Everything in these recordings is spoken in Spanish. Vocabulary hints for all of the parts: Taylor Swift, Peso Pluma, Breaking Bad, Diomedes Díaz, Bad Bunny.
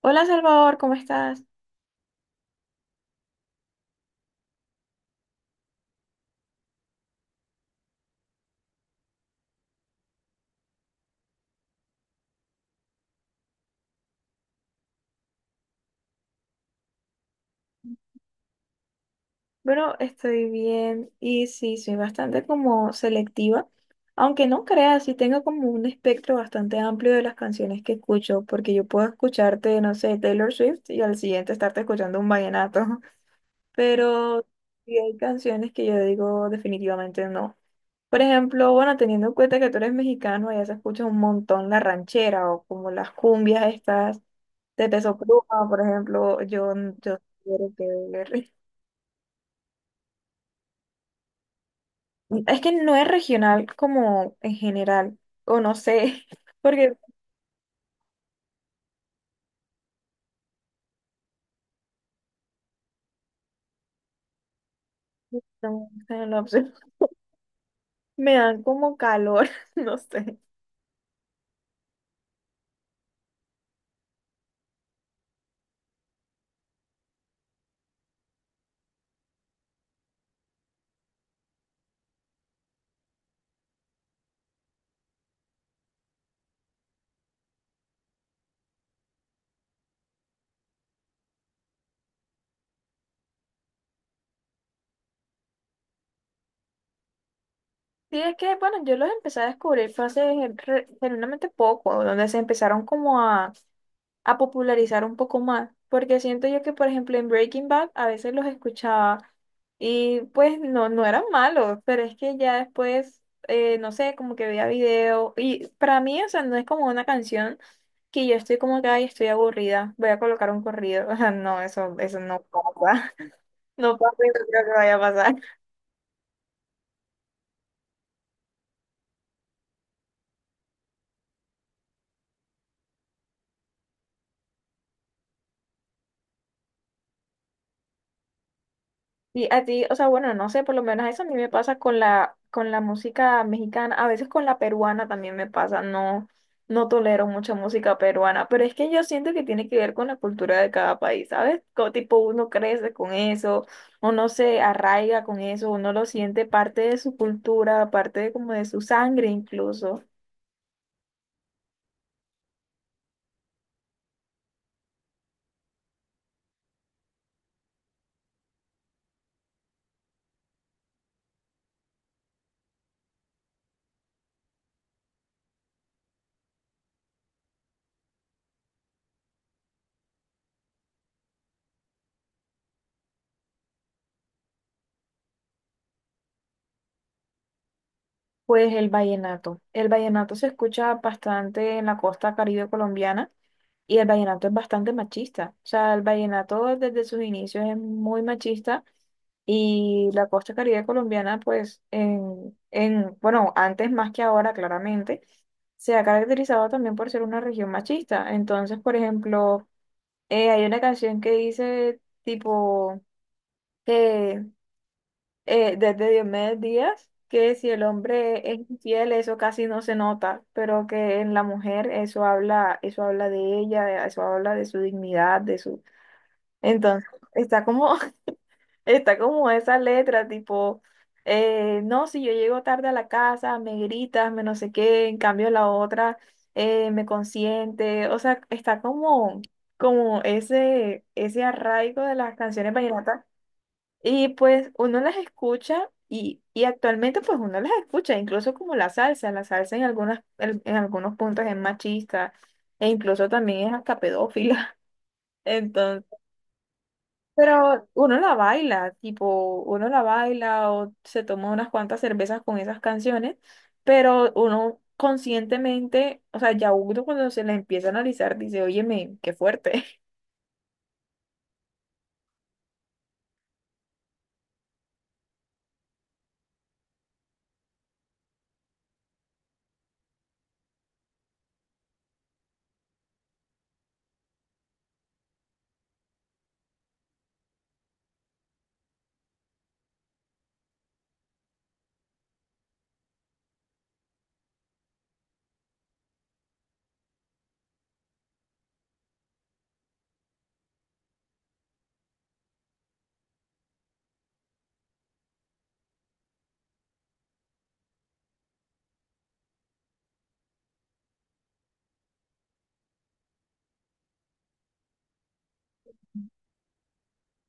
Hola Salvador, ¿cómo estás? Bueno, estoy bien y sí, soy bastante como selectiva, aunque no creas, sí tengo como un espectro bastante amplio de las canciones que escucho, porque yo puedo escucharte, no sé, Taylor Swift y al siguiente estarte escuchando un vallenato, pero sí hay canciones que yo digo definitivamente no. Por ejemplo, bueno, teniendo en cuenta que tú eres mexicano, allá se escucha un montón la ranchera o como las cumbias estas de Peso Pluma, por ejemplo, yo no quiero que ver. Es que no es regional como en general, o no sé, porque no, sé en lo absoluto, me dan como calor, no sé. Sí, es que, bueno, yo los empecé a descubrir fue hace genuinamente poco, donde se empezaron como a popularizar un poco más, porque siento yo que, por ejemplo, en Breaking Bad a veces los escuchaba y pues no, no eran malos, pero es que ya después, no sé, como que veía video y para mí, o sea, no es como una canción que yo estoy como que, ay, estoy aburrida, voy a colocar un corrido, o sea, no, eso no pasa, no pasa y no creo que vaya a pasar. Y a ti, o sea, bueno, no sé, por lo menos eso a mí me pasa con con la música mexicana, a veces con la peruana también me pasa, no, no tolero mucha música peruana, pero es que yo siento que tiene que ver con la cultura de cada país, ¿sabes? Como tipo uno crece con eso, uno se arraiga con eso, uno lo siente parte de su cultura, parte de como de su sangre incluso. Pues el vallenato. El vallenato se escucha bastante en la costa caribe colombiana. Y el vallenato es bastante machista. O sea, el vallenato desde sus inicios es muy machista. Y la costa caribe colombiana, pues, en, bueno, antes más que ahora, claramente, se ha caracterizado también por ser una región machista. Entonces, por ejemplo, hay una canción que dice tipo que desde Diomedes Díaz, que si el hombre es infiel, eso casi no se nota, pero que en la mujer eso habla de ella, eso habla de su dignidad, de su... Entonces, está como, está como esa letra, tipo, no, si yo llego tarde a la casa, me gritas, me no sé qué, en cambio la otra me consiente, o sea, está como, ese arraigo de las canciones vallenatas, y pues uno las escucha y actualmente pues uno las escucha, incluso como la salsa en algunas, en algunos puntos es machista e incluso también es hasta pedófila. Entonces, pero uno la baila, tipo, uno la baila o se toma unas cuantas cervezas con esas canciones, pero uno conscientemente, o sea, ya uno cuando se la empieza a analizar dice, óyeme, qué fuerte.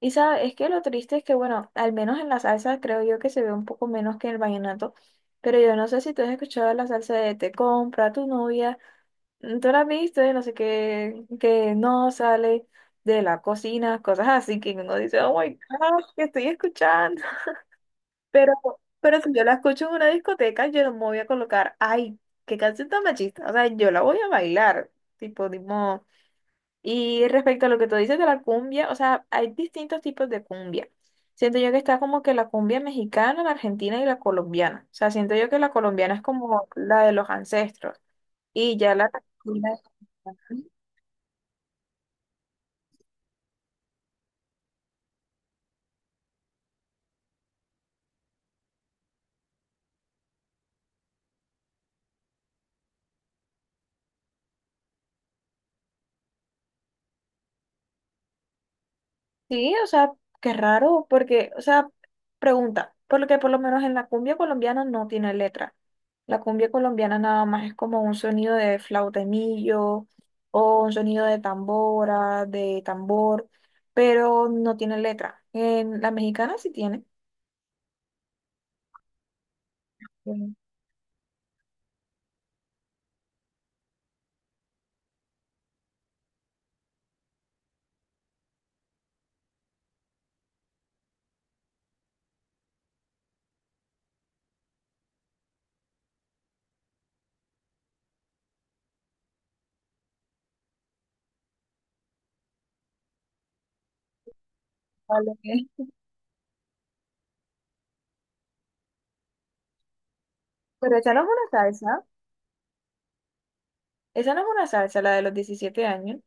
Y sabes, es que lo triste es que, bueno, al menos en la salsa creo yo que se ve un poco menos que en el vallenato, pero yo no sé si tú has escuchado la salsa de te compra tu novia, tú la has visto, no sé qué, que no sale de la cocina, cosas así que uno dice, oh my God, que estoy escuchando. Pero, pero si yo la escucho en una discoteca, yo no me voy a colocar, ay, qué canción tan machista, o sea, yo la voy a bailar, tipo. Y respecto a lo que tú dices de la cumbia, o sea, hay distintos tipos de cumbia. Siento yo que está como que la cumbia mexicana, la argentina y la colombiana. O sea, siento yo que la colombiana es como la de los ancestros y ya la argentina-. Sí, o sea, qué raro, porque, o sea, pregunta, porque por lo menos en la cumbia colombiana no tiene letra. La cumbia colombiana nada más es como un sonido de flautemillo o un sonido de tambora, de tambor, pero no tiene letra. En la mexicana sí tiene. Mm, vale. Pero esa no es una salsa, esa no es una salsa, la de los 17 años.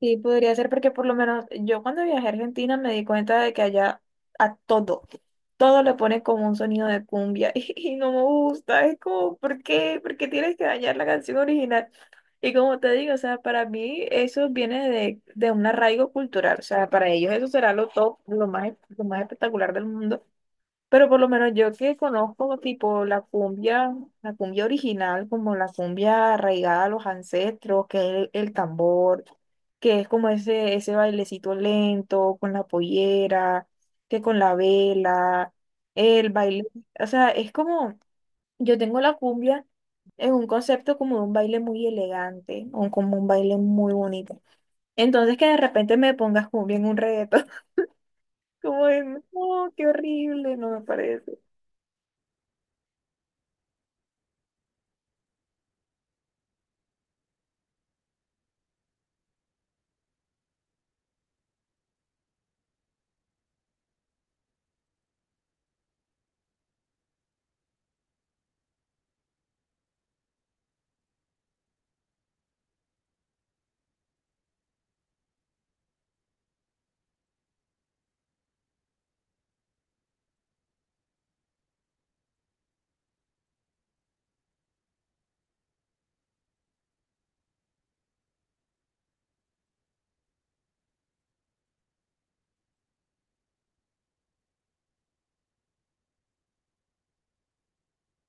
Sí, podría ser porque por lo menos yo cuando viajé a Argentina me di cuenta de que allá a todo, todo le ponen como un sonido de cumbia, y no me gusta, es como, ¿por qué? ¿Por qué tienes que dañar la canción original? Y como te digo, o sea, para mí eso viene de un arraigo cultural, o sea, para ellos eso será lo top, lo más, espectacular del mundo. Pero por lo menos yo que conozco tipo la cumbia original, como la cumbia arraigada a los ancestros, que es el tambor, que es como ese bailecito lento, con la pollera, que con la vela, el baile, o sea, es como, yo tengo la cumbia en un concepto como de un baile muy elegante, o como un baile muy bonito. Entonces que de repente me pongas cumbia en un reto como de, no, qué horrible, no me parece.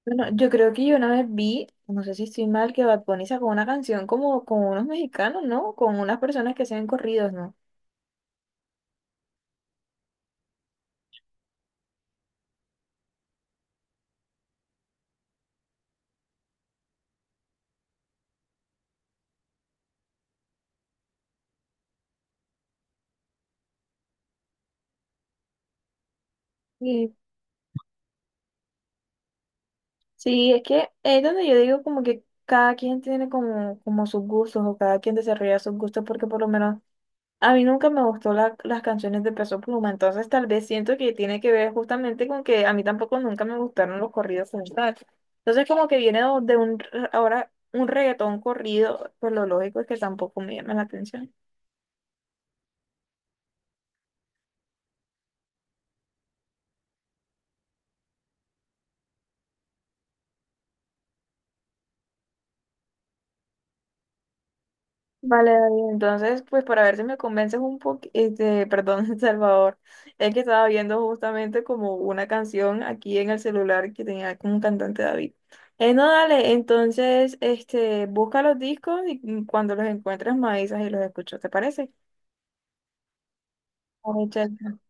Bueno, yo creo que yo una vez vi, no sé si estoy mal, que Bad Bunny sacó una canción como con unos mexicanos, ¿no? Con unas personas que hacen corridos, ¿no? Sí, sí, es que es donde yo digo como que cada quien tiene como sus gustos o cada quien desarrolla sus gustos porque por lo menos a mí nunca me gustó las canciones de Peso Pluma, entonces tal vez siento que tiene que ver justamente con que a mí tampoco nunca me gustaron los corridos como tal. Entonces como que viene de un, ahora un reggaetón corrido, pues lo lógico es que tampoco me llama la atención. Vale, David. Entonces, pues para ver si me convences un poco, este, perdón, Salvador, es que estaba viendo justamente como una canción aquí en el celular que tenía como un cantante David. No, dale, entonces, este, busca los discos y cuando los encuentres me avisas y los escucho, ¿te parece? Vale, chévere.